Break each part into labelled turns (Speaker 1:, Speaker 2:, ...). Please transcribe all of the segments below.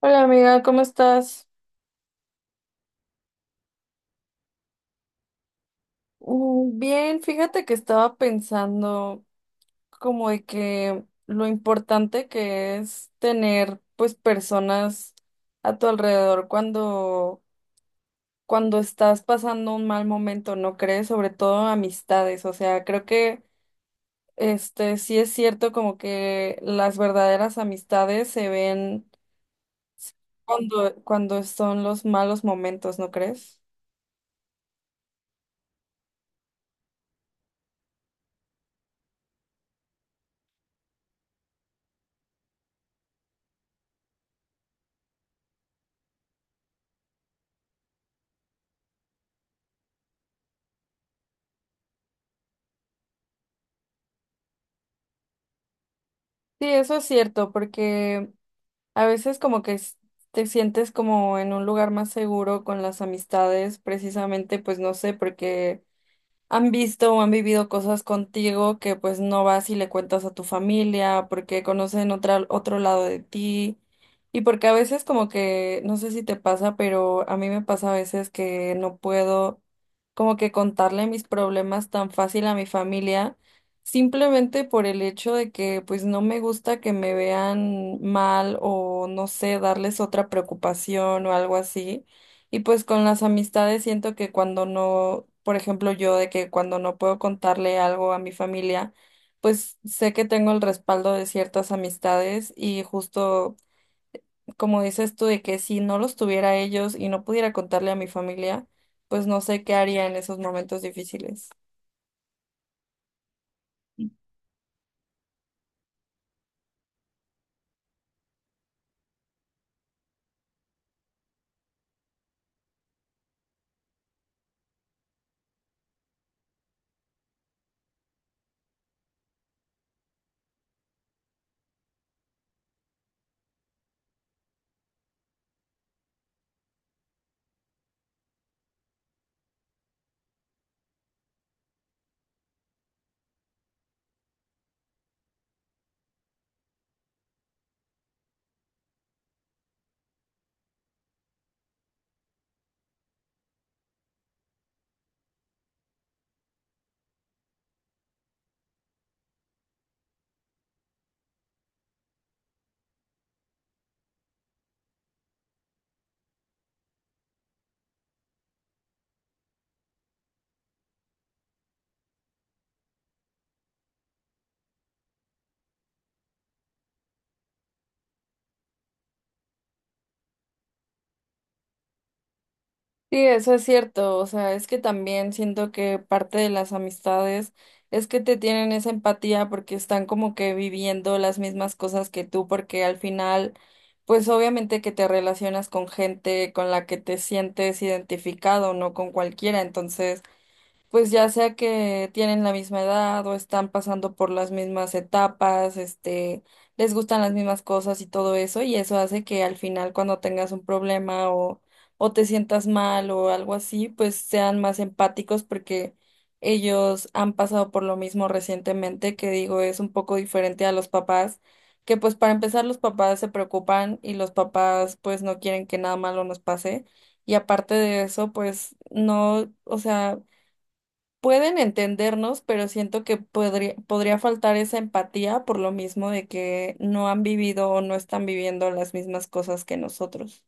Speaker 1: Hola amiga, ¿cómo estás? Mm, bien, fíjate que estaba pensando como de que lo importante que es tener pues personas a tu alrededor cuando estás pasando un mal momento, ¿no crees? Sobre todo amistades, o sea, creo que este sí es cierto como que las verdaderas amistades se ven cuando son los malos momentos, ¿no crees? Sí, eso es cierto, porque a veces como que te sientes como en un lugar más seguro con las amistades, precisamente, pues no sé, porque han visto o han vivido cosas contigo que pues no vas y le cuentas a tu familia porque conocen otro lado de ti y porque a veces como que, no sé si te pasa, pero a mí me pasa a veces que no puedo como que contarle mis problemas tan fácil a mi familia simplemente por el hecho de que pues no me gusta que me vean mal o no sé, darles otra preocupación o algo así. Y pues con las amistades siento que cuando no, por ejemplo, yo de que cuando no puedo contarle algo a mi familia, pues sé que tengo el respaldo de ciertas amistades y justo como dices tú de que si no los tuviera ellos y no pudiera contarle a mi familia, pues no sé qué haría en esos momentos difíciles. Sí, eso es cierto, o sea, es que también siento que parte de las amistades es que te tienen esa empatía porque están como que viviendo las mismas cosas que tú, porque al final, pues obviamente que te relacionas con gente con la que te sientes identificado, no con cualquiera, entonces pues ya sea que tienen la misma edad o están pasando por las mismas etapas, les gustan las mismas cosas y todo eso, y eso hace que al final cuando tengas un problema o te sientas mal o algo así, pues sean más empáticos porque ellos han pasado por lo mismo recientemente, que digo, es un poco diferente a los papás, que pues para empezar los papás se preocupan y los papás pues no quieren que nada malo nos pase. Y aparte de eso, pues no, o sea, pueden entendernos, pero siento que podría faltar esa empatía por lo mismo de que no han vivido o no están viviendo las mismas cosas que nosotros.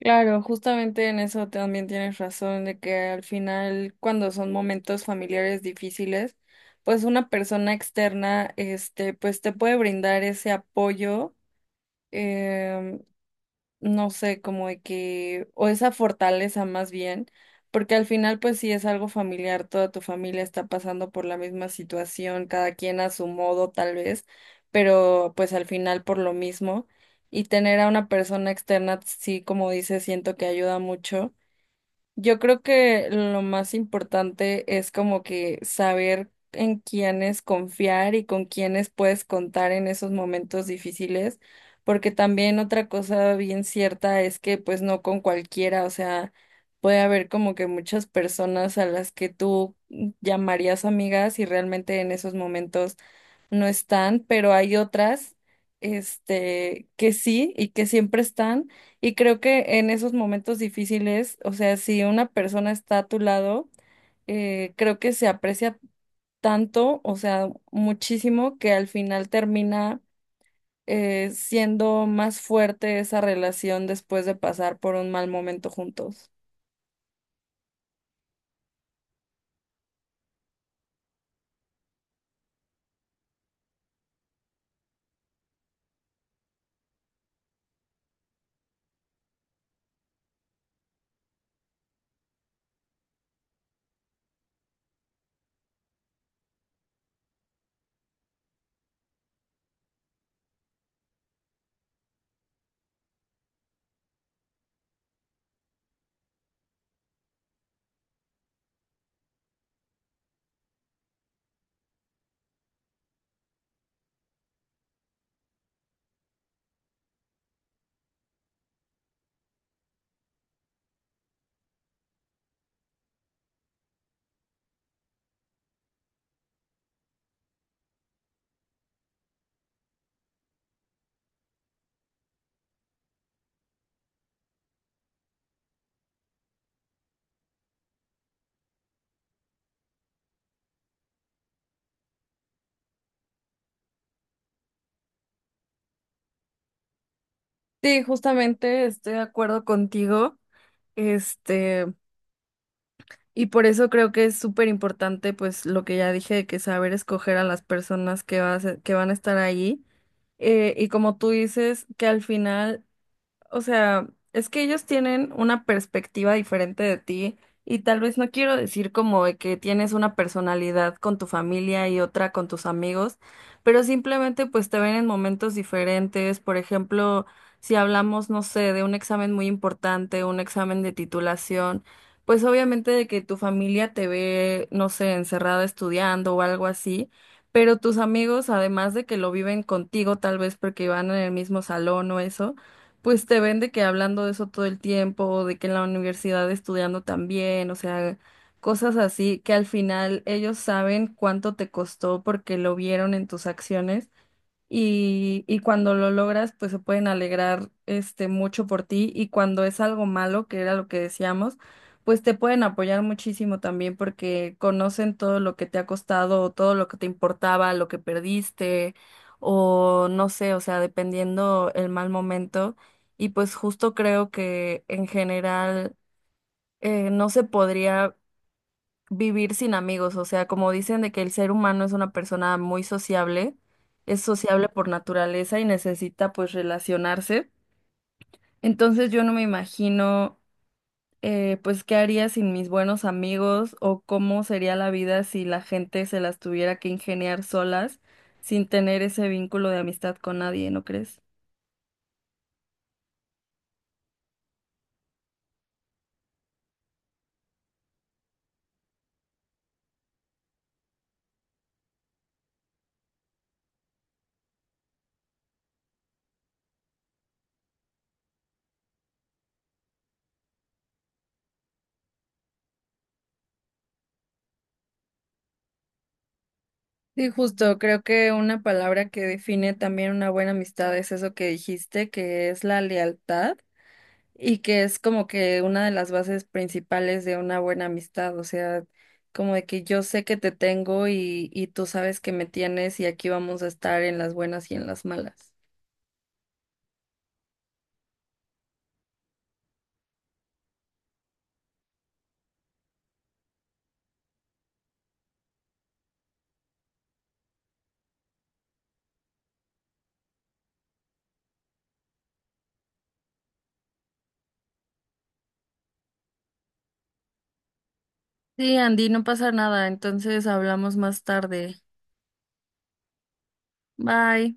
Speaker 1: Claro, justamente en eso también tienes razón, de que al final, cuando son momentos familiares difíciles, pues una persona externa, este, pues te puede brindar ese apoyo, em, no sé, como de que, o esa fortaleza más bien, porque al final pues sí es algo familiar, toda tu familia está pasando por la misma situación, cada quien a su modo tal vez, pero pues al final por lo mismo, y tener a una persona externa, sí, como dices, siento que ayuda mucho. Yo creo que lo más importante es como que saber en quiénes confiar y con quiénes puedes contar en esos momentos difíciles, porque también otra cosa bien cierta es que pues no con cualquiera, o sea, puede haber como que muchas personas a las que tú llamarías amigas y realmente en esos momentos no están, pero hay otras, este, que sí y que siempre están. Y creo que en esos momentos difíciles, o sea, si una persona está a tu lado, creo que se aprecia tanto, o sea, muchísimo, que al final termina siendo más fuerte esa relación después de pasar por un mal momento juntos. Sí, justamente estoy de acuerdo contigo. Este, Y por eso creo que es súper importante, pues lo que ya dije, de que saber escoger a las personas vas que van a estar ahí. Y como tú dices, que al final, o sea, es que ellos tienen una perspectiva diferente de ti y tal vez no quiero decir como de que tienes una personalidad con tu familia y otra con tus amigos, pero simplemente pues te ven en momentos diferentes. Por ejemplo, si hablamos, no sé, de un examen muy importante, un examen de titulación, pues obviamente de que tu familia te ve, no sé, encerrada estudiando o algo así. Pero tus amigos, además de que lo viven contigo, tal vez porque van en el mismo salón o eso, pues te ven de que hablando de eso todo el tiempo, de que en la universidad estudiando también, o sea, cosas así que al final ellos saben cuánto te costó porque lo vieron en tus acciones y cuando lo logras, pues se pueden alegrar este mucho por ti y cuando es algo malo, que era lo que decíamos, pues te pueden apoyar muchísimo también porque conocen todo lo que te ha costado, o todo lo que te importaba, lo que perdiste o no sé, o sea, dependiendo el mal momento y pues justo creo que en general no se podría vivir sin amigos, o sea, como dicen de que el ser humano es una persona muy sociable, es sociable por naturaleza y necesita pues relacionarse. Entonces yo no me imagino, pues qué haría sin mis buenos amigos o cómo sería la vida si la gente se las tuviera que ingeniar solas sin tener ese vínculo de amistad con nadie, ¿no crees? Sí, justo, creo que una palabra que define también una buena amistad es eso que dijiste, que es la lealtad. Y que es como que una de las bases principales de una buena amistad, o sea, como de que yo sé que te tengo y tú sabes que me tienes y aquí vamos a estar en las buenas y en las malas. Sí, Andy, no pasa nada, entonces hablamos más tarde. Bye.